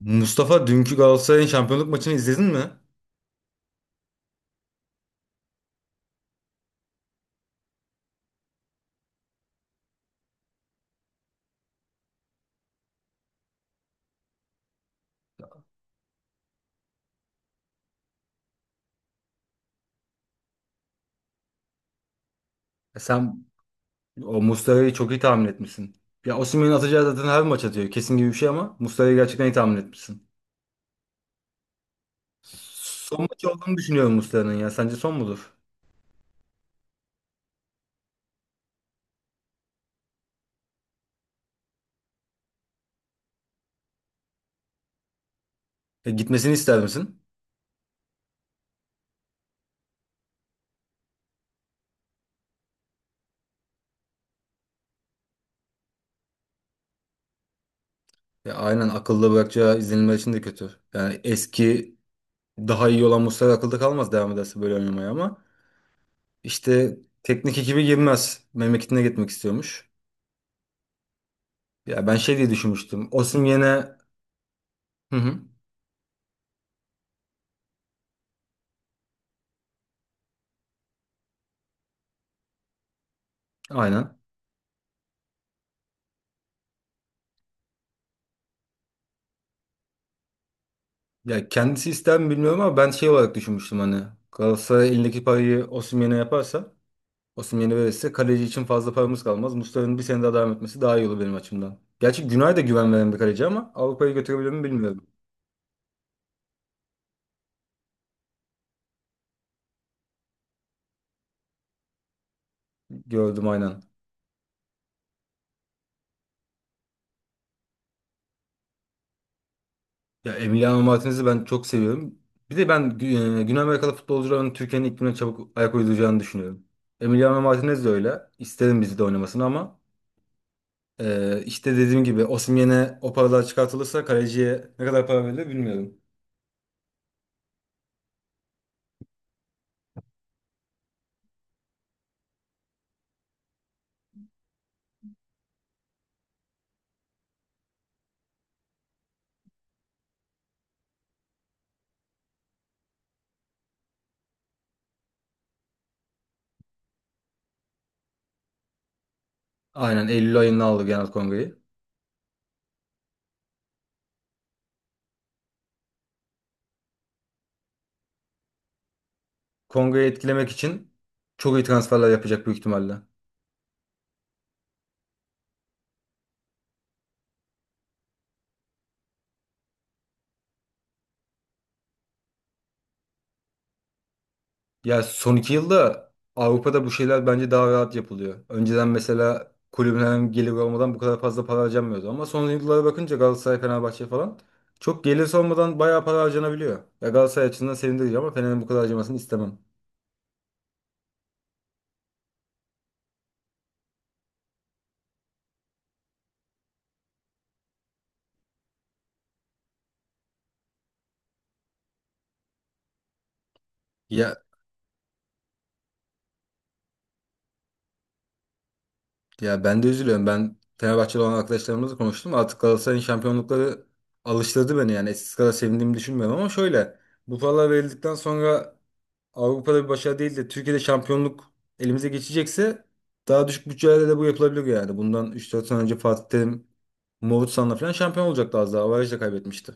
Mustafa, dünkü Galatasaray'ın şampiyonluk maçını izledin mi? E sen o Mustafa'yı çok iyi tahmin etmişsin. Ya Osimhen'in atacağı zaten her maç atıyor. Kesin gibi bir şey ama Mustafa'yı gerçekten iyi tahmin etmişsin. Son maç olduğunu düşünüyorum Mustafa'nın ya. Sence son mudur? E, gitmesini ister misin? Ya aynen, akılda bırakacağı izlenimler için de kötü. Yani eski daha iyi olan Mustafa akılda kalmaz devam ederse böyle oynamaya, ama işte teknik ekibi girmez. Memleketine gitmek istiyormuş. Ya ben şey diye düşünmüştüm. Osimhen'e hı hı. Aynen. Ya kendisi ister mi bilmiyorum ama ben şey olarak düşünmüştüm hani. Galatasaray elindeki parayı Osimhen'e yaparsa, Osimhen'e verirse kaleci için fazla paramız kalmaz. Mustafa'nın bir sene daha devam etmesi daha iyi olur benim açımdan. Gerçi Günay da güven veren bir kaleci ama Avrupa'ya götürebilir mi bilmiyorum. Gördüm aynen. Ya Emiliano Martinez'i ben çok seviyorum. Bir de ben Güney Amerikalı futbolcuların Türkiye'nin iklimine çabuk ayak uyduracağını düşünüyorum. Emiliano Martinez de öyle. İsterim bizi de oynamasını ama işte dediğim gibi Osimhen'e o paralar çıkartılırsa kaleciye ne kadar para verilir bilmiyorum. Aynen Eylül ayında aldı Genel Kongre'yi. Kongre'yi etkilemek için çok iyi transferler yapacak büyük ihtimalle. Ya son 2 yılda Avrupa'da bu şeyler bence daha rahat yapılıyor. Önceden mesela kulübün herhangi bir olmadan bu kadar fazla para harcanmıyordu. Ama son yıllara bakınca Galatasaray, Fenerbahçe falan çok gelirse olmadan bayağı para harcanabiliyor. Ya Galatasaray açısından sevindirici ama Fener'in bu kadar harcamasını istemem. Ya, ya ben de üzülüyorum. Ben Fenerbahçeli olan arkadaşlarımızla konuştum. Artık Galatasaray'ın şampiyonlukları alıştırdı beni yani. Eskisi kadar sevindiğimi düşünmüyorum ama şöyle. Bu paralar verildikten sonra Avrupa'da bir başarı değil de Türkiye'de şampiyonluk elimize geçecekse daha düşük bütçelerle de bu yapılabilir yani. Bundan üç, dört sene önce Fatih Terim Moğolistan'la falan şampiyon olacaktı az daha. Avaraj'da kaybetmişti.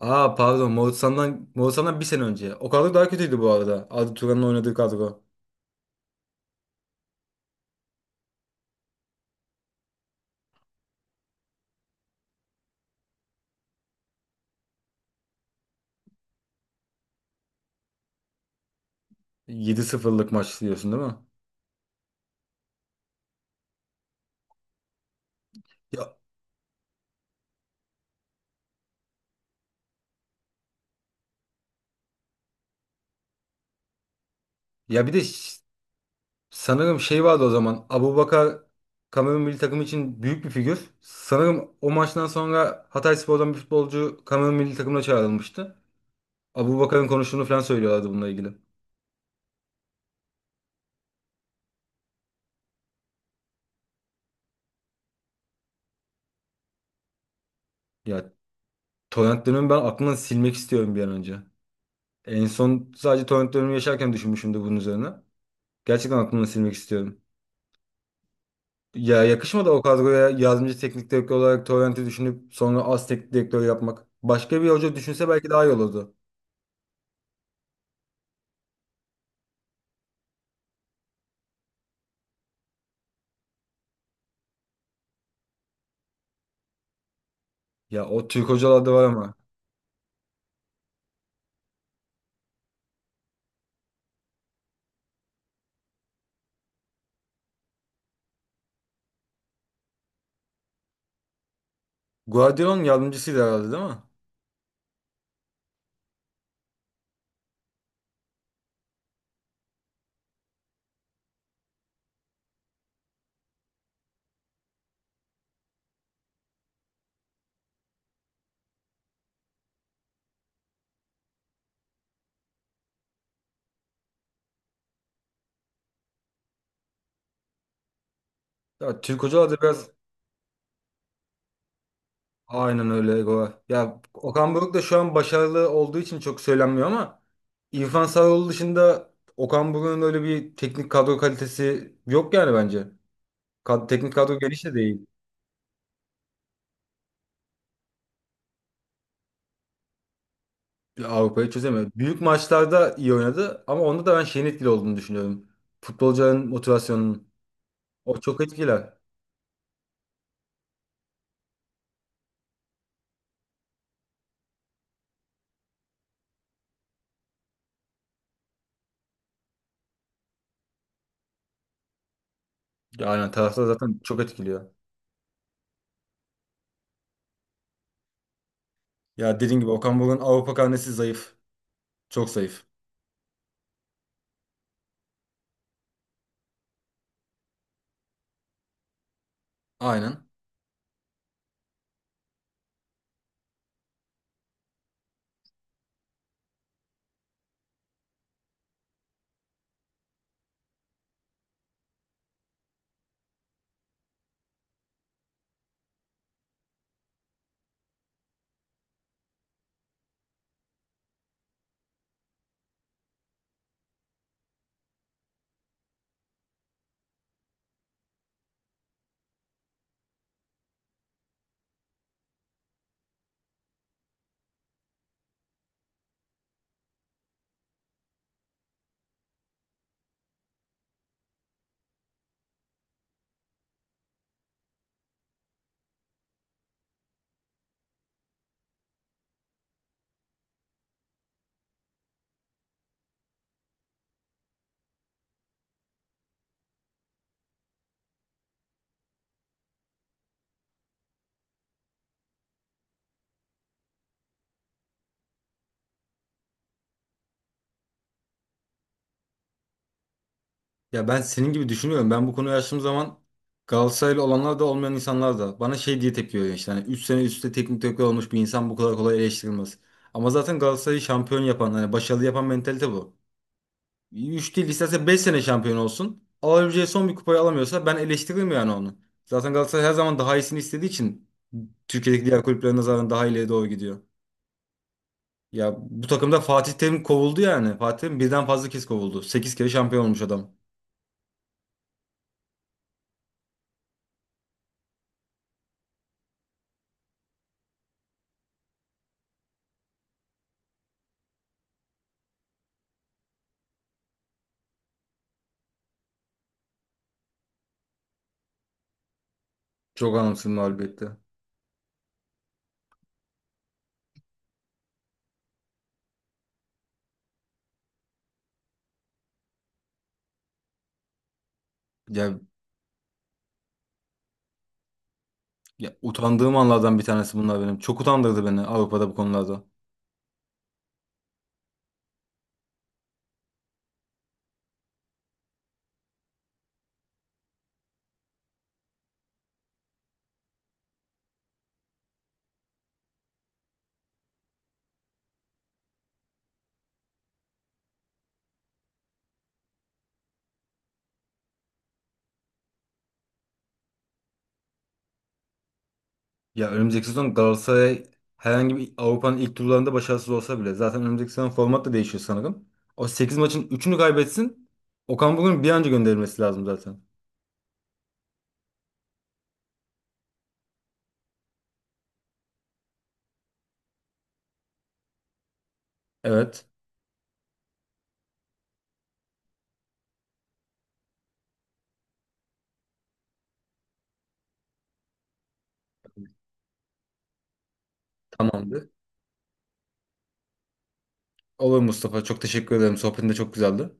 Aa pardon, Moğolistan'dan, Moğolistan'dan bir sene önce. O kadro daha kötüydü bu arada. Arda Turan'ın oynadığı kadro. Yedi sıfırlık maç diyorsun değil mi? Ya, ya bir de sanırım şey vardı o zaman. Abubakar Kamerun milli takımı için büyük bir figür. Sanırım o maçtan sonra Hatayspor'dan bir futbolcu Kamerun milli takımına çağrılmıştı. Abubakar'ın konuştuğunu falan söylüyorlardı bununla ilgili. Ya torrent dönemi ben aklımdan silmek istiyorum bir an önce. En son sadece torrent dönemi yaşarken düşünmüşümdür bunun üzerine. Gerçekten aklımdan silmek istiyorum. Ya yakışmadı o kadroya yardımcı teknik direktör olarak Torrent'i düşünüp sonra az teknik direktör yapmak. Başka bir hoca düşünse belki daha iyi olurdu. Ya o Türk hocalarda var ama. Guardiola'nın yardımcısıydı herhalde değil mi? Ya Türk hocalar da biraz aynen öyle. Goa. Ya Okan Buruk da şu an başarılı olduğu için çok söylenmiyor ama İrfan Sarıoğlu dışında Okan Buruk'un öyle bir teknik kadro kalitesi yok yani bence. Kad teknik kadro geniş de değil. Avrupa'yı çözemiyor. Büyük maçlarda iyi oynadı ama onda da ben şeyin etkili olduğunu düşünüyorum. Futbolcuların motivasyonunun. O çok etkiler. Ya aynen, taraftar zaten çok etkiliyor. Ya dediğim gibi Okan Buruk'un Avrupa karnesi zayıf. Çok zayıf. Aynen. Ya ben senin gibi düşünüyorum. Ben bu konuyu açtığım zaman Galatasaraylı olanlar da olmayan insanlar da bana şey diye tepki veriyor işte. Hani 3 sene üstte teknik direktör olmuş bir insan bu kadar kolay eleştirilmez. Ama zaten Galatasaray'ı şampiyon yapan, hani başarılı yapan mentalite bu. Üç değil isterse 5 sene şampiyon olsun. Alabileceği son bir kupayı alamıyorsa ben eleştiririm yani onu. Zaten Galatasaray her zaman daha iyisini istediği için Türkiye'deki diğer kulüplere nazaran daha ileriye doğru gidiyor. Ya bu takımda Fatih Terim kovuldu yani. Fatih Terim birden fazla kez kovuldu. 8 kere şampiyon olmuş adam. Çok anlamsız bir mağlubiyetti. Ya, ya, utandığım anlardan bir tanesi bunlar benim. Çok utandırdı beni Avrupa'da bu konularda. Ya önümüzdeki sezon Galatasaray herhangi bir Avrupa'nın ilk turlarında başarısız olsa bile zaten önümüzdeki sezon format da değişiyor sanırım. O 8 maçın 3'ünü kaybetsin. Okan Buruk'un bir an önce gönderilmesi lazım zaten. Evet, tamamdır. Olur Mustafa. Çok teşekkür ederim. Sohbetin de çok güzeldi.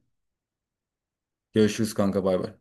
Görüşürüz kanka. Bay bay.